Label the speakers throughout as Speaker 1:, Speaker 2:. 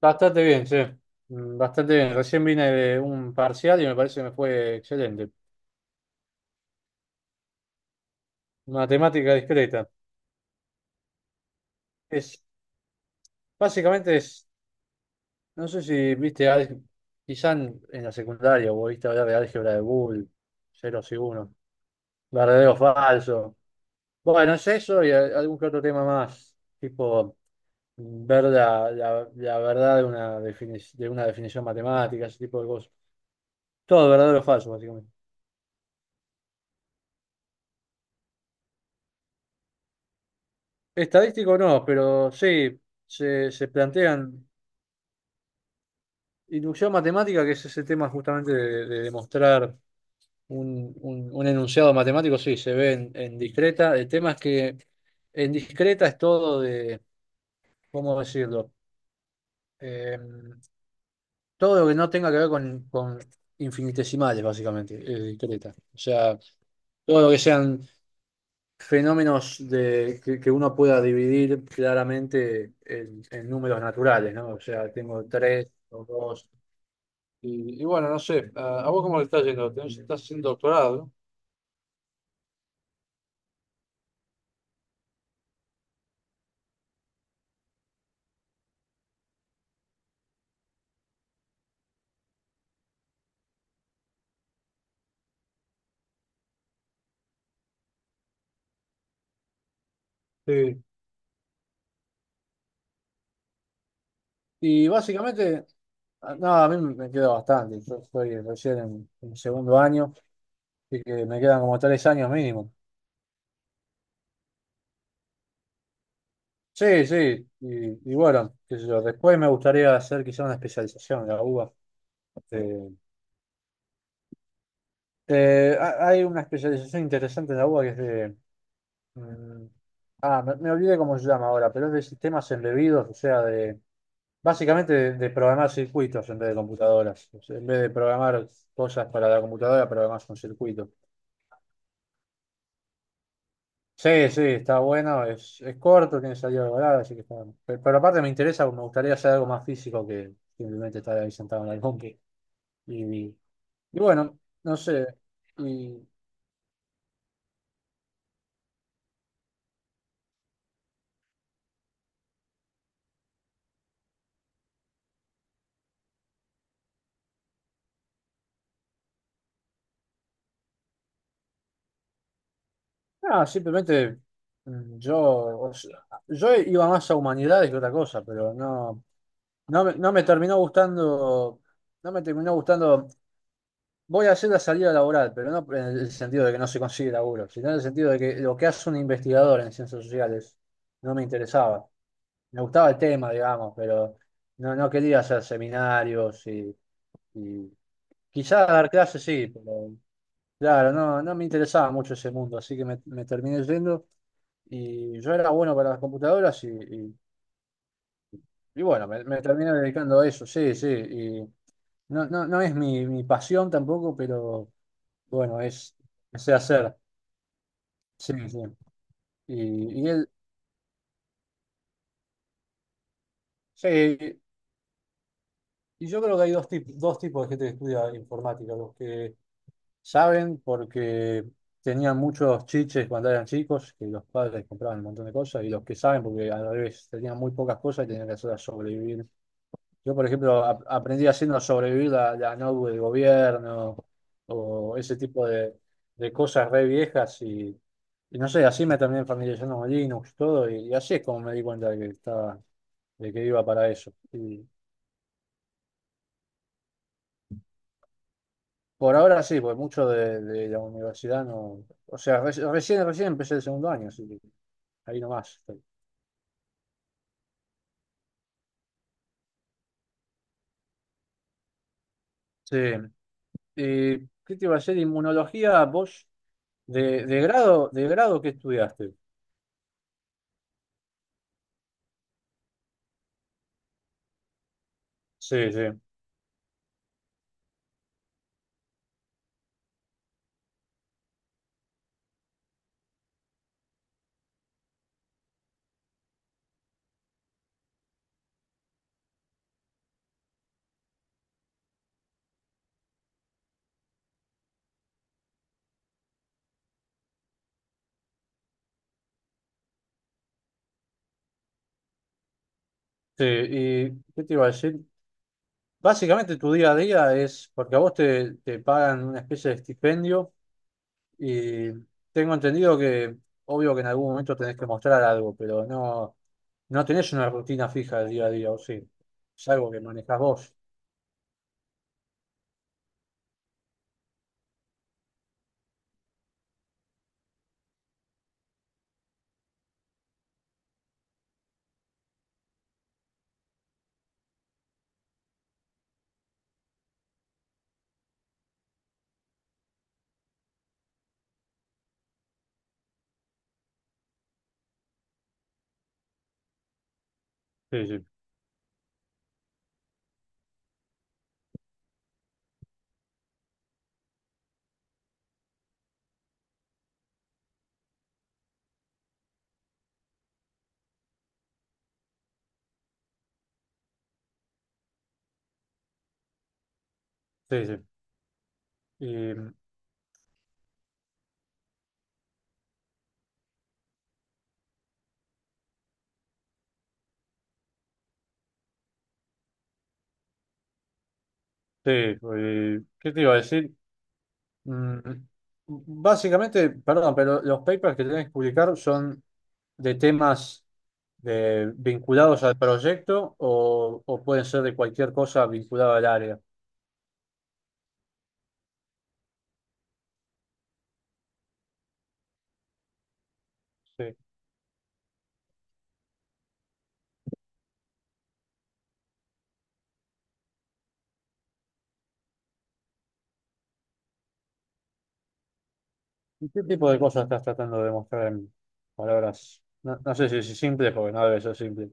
Speaker 1: Bastante bien, sí. Bastante bien. Recién vine de un parcial y me parece que me fue excelente. Matemática discreta. Es, Básicamente no sé si viste, quizá en la secundaria o viste hablar de álgebra de Boole, ceros y unos, verdadero o falso. Bueno, es eso y algún que otro tema más, tipo ver la verdad de una, de una definición matemática, ese tipo de cosas. Todo verdadero o falso, básicamente. Estadístico no, pero sí, se plantean inducción matemática, que es ese tema justamente de demostrar un enunciado matemático, sí, se ve en discreta. El tema es que en discreta es todo de, ¿cómo decirlo? Eh, todo lo que no tenga que ver con infinitesimales, básicamente, es discreta. O sea, todo lo que sean fenómenos de, que uno pueda dividir claramente en números naturales, ¿no? O sea, tengo tres o dos. Y bueno, no sé, a vos cómo le estás yendo? Tenés- ¿Estás haciendo doctorado, no? Sí. Y básicamente, no, a mí me queda bastante. Yo estoy recién en segundo año, así que me quedan como tres años mínimo. Sí, sí, y bueno, qué sé yo, después me gustaría hacer quizá una especialización en la UBA. Eh, Hay una especialización interesante en la UBA que es de. Mm. Ah, me olvidé cómo se llama ahora, pero es de sistemas embebidos, o sea, de básicamente de programar circuitos en vez de computadoras. O sea, en vez de programar cosas para la computadora, programas un circuito. Sí, sí, está bueno, es corto, tiene salida de volada, así que está bueno. Pero, aparte me interesa, me gustaría hacer algo más físico que simplemente estar ahí sentado en la compu. Y, y bueno, no sé. Y Ah, simplemente yo, o sea, yo iba más a humanidades que otra cosa, pero no, no, no me terminó gustando, no me terminó gustando. Voy a hacer la salida laboral, pero no en el sentido de que no se consigue laburo, sino en el sentido de que lo que hace un investigador en ciencias sociales no me interesaba. Me gustaba el tema, digamos, pero no, no quería hacer seminarios y quizá dar clases sí, pero claro, no, no me interesaba mucho ese mundo, así que me terminé yendo y yo era bueno para las computadoras y bueno, me terminé dedicando a eso, sí, sí, y no, no, no es mi pasión tampoco, pero bueno, es, sé hacer, sí, sí. Y, y él, sí. Y yo creo que hay dos tipos de gente que estudia informática, los que saben porque tenían muchos chiches cuando eran chicos, que los padres compraban un montón de cosas, y los que saben porque al revés tenían muy pocas cosas y tenían que hacerlas sobrevivir. Yo, por ejemplo, aprendí haciendo sobrevivir la notebook del gobierno o ese tipo de cosas re viejas y no sé, así me terminé familiarizando con Linux, todo, y así es como me di cuenta de que estaba, de que iba para eso. Y por ahora sí, pues mucho de la universidad no. O sea, recién empecé el segundo año, así que ahí nomás estoy. Sí. ¿Qué te iba a decir? Inmunología, vos, de grado, ¿qué estudiaste? Sí, sí. Sí, ¿y qué te iba a decir? Básicamente tu día a día es, porque a vos te pagan una especie de estipendio y tengo entendido que, obvio que en algún momento tenés que mostrar algo, pero no, no tenés una rutina fija del día a día, o sí. Es algo que manejás vos. Sí, sí, sí, sí. Y, sí, ¿qué te iba a decir? Mm, Básicamente, perdón, pero los papers que tenés que publicar son de temas vinculados al proyecto o pueden ser de cualquier cosa vinculada al área. Sí. ¿Y qué tipo de cosas estás tratando de mostrar en palabras? No, no sé si es simple, porque no debe ser simple.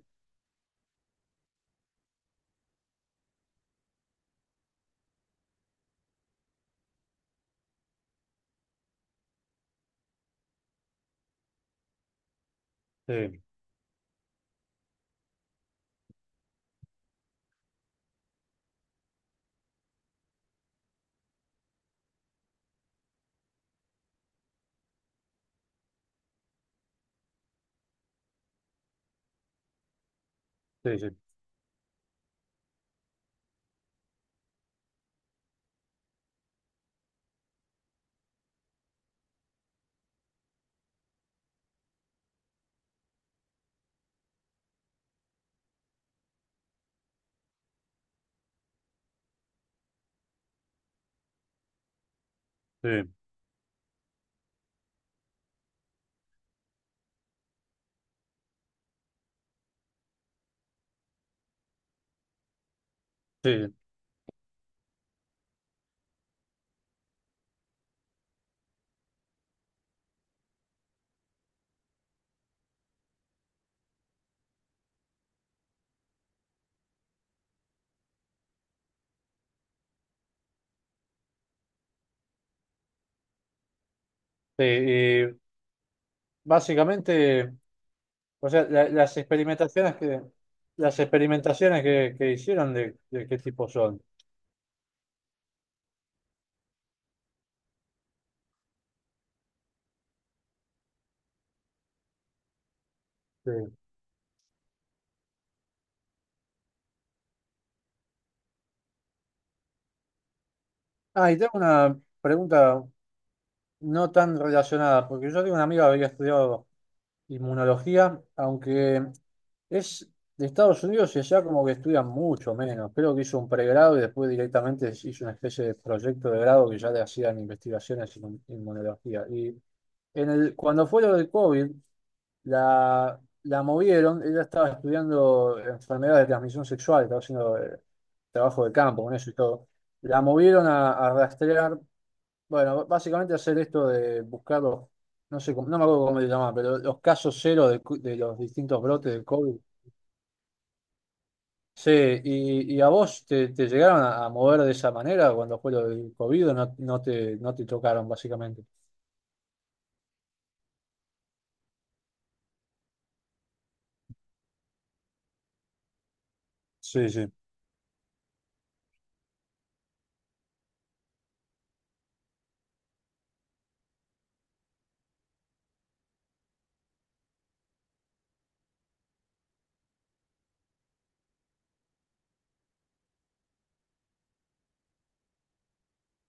Speaker 1: Sí, sí, sí, sí, sí, sí. Sí, y básicamente, o sea, las experimentaciones que las experimentaciones que hicieron de qué tipo son. Sí. Ah, y tengo una pregunta no tan relacionada, porque yo tengo una amiga que había estudiado inmunología, aunque es de Estados Unidos y allá como que estudian mucho menos. Creo que hizo un pregrado y después directamente hizo una especie de proyecto de grado que ya le hacían investigaciones en inmunología. Y en el, cuando fue lo del COVID, la, la movieron, ella estaba estudiando enfermedades de transmisión sexual, estaba haciendo trabajo de campo con eso y todo. La movieron a rastrear bueno, básicamente hacer esto de buscar los, no sé, cómo- no me acuerdo cómo se llama pero los casos cero de, de los distintos brotes del COVID. Sí, y a vos te llegaron a mover de esa manera cuando fue lo del COVID, o no, no te, no te tocaron básicamente. Sí, sí,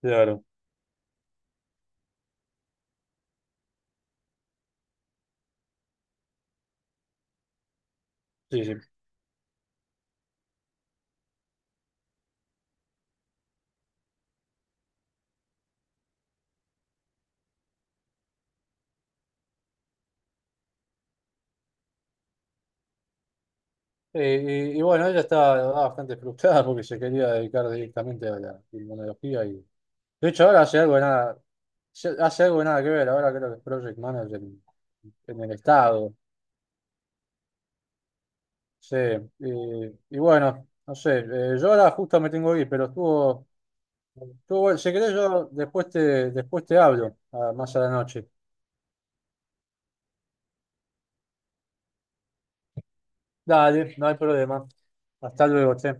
Speaker 1: claro. Sí, sí. Y bueno, ella estaba bastante frustrada porque se quería dedicar directamente a la inmunología y de hecho ahora hace algo de nada, hace algo de nada que ver, ahora creo que es Project Manager en el Estado. Sí, y, y bueno, no sé, yo ahora justo me tengo que ir, pero estuvo, estuvo bueno. Si querés yo después después te hablo, ah, más a la noche. Dale, no hay problema. Hasta luego, che.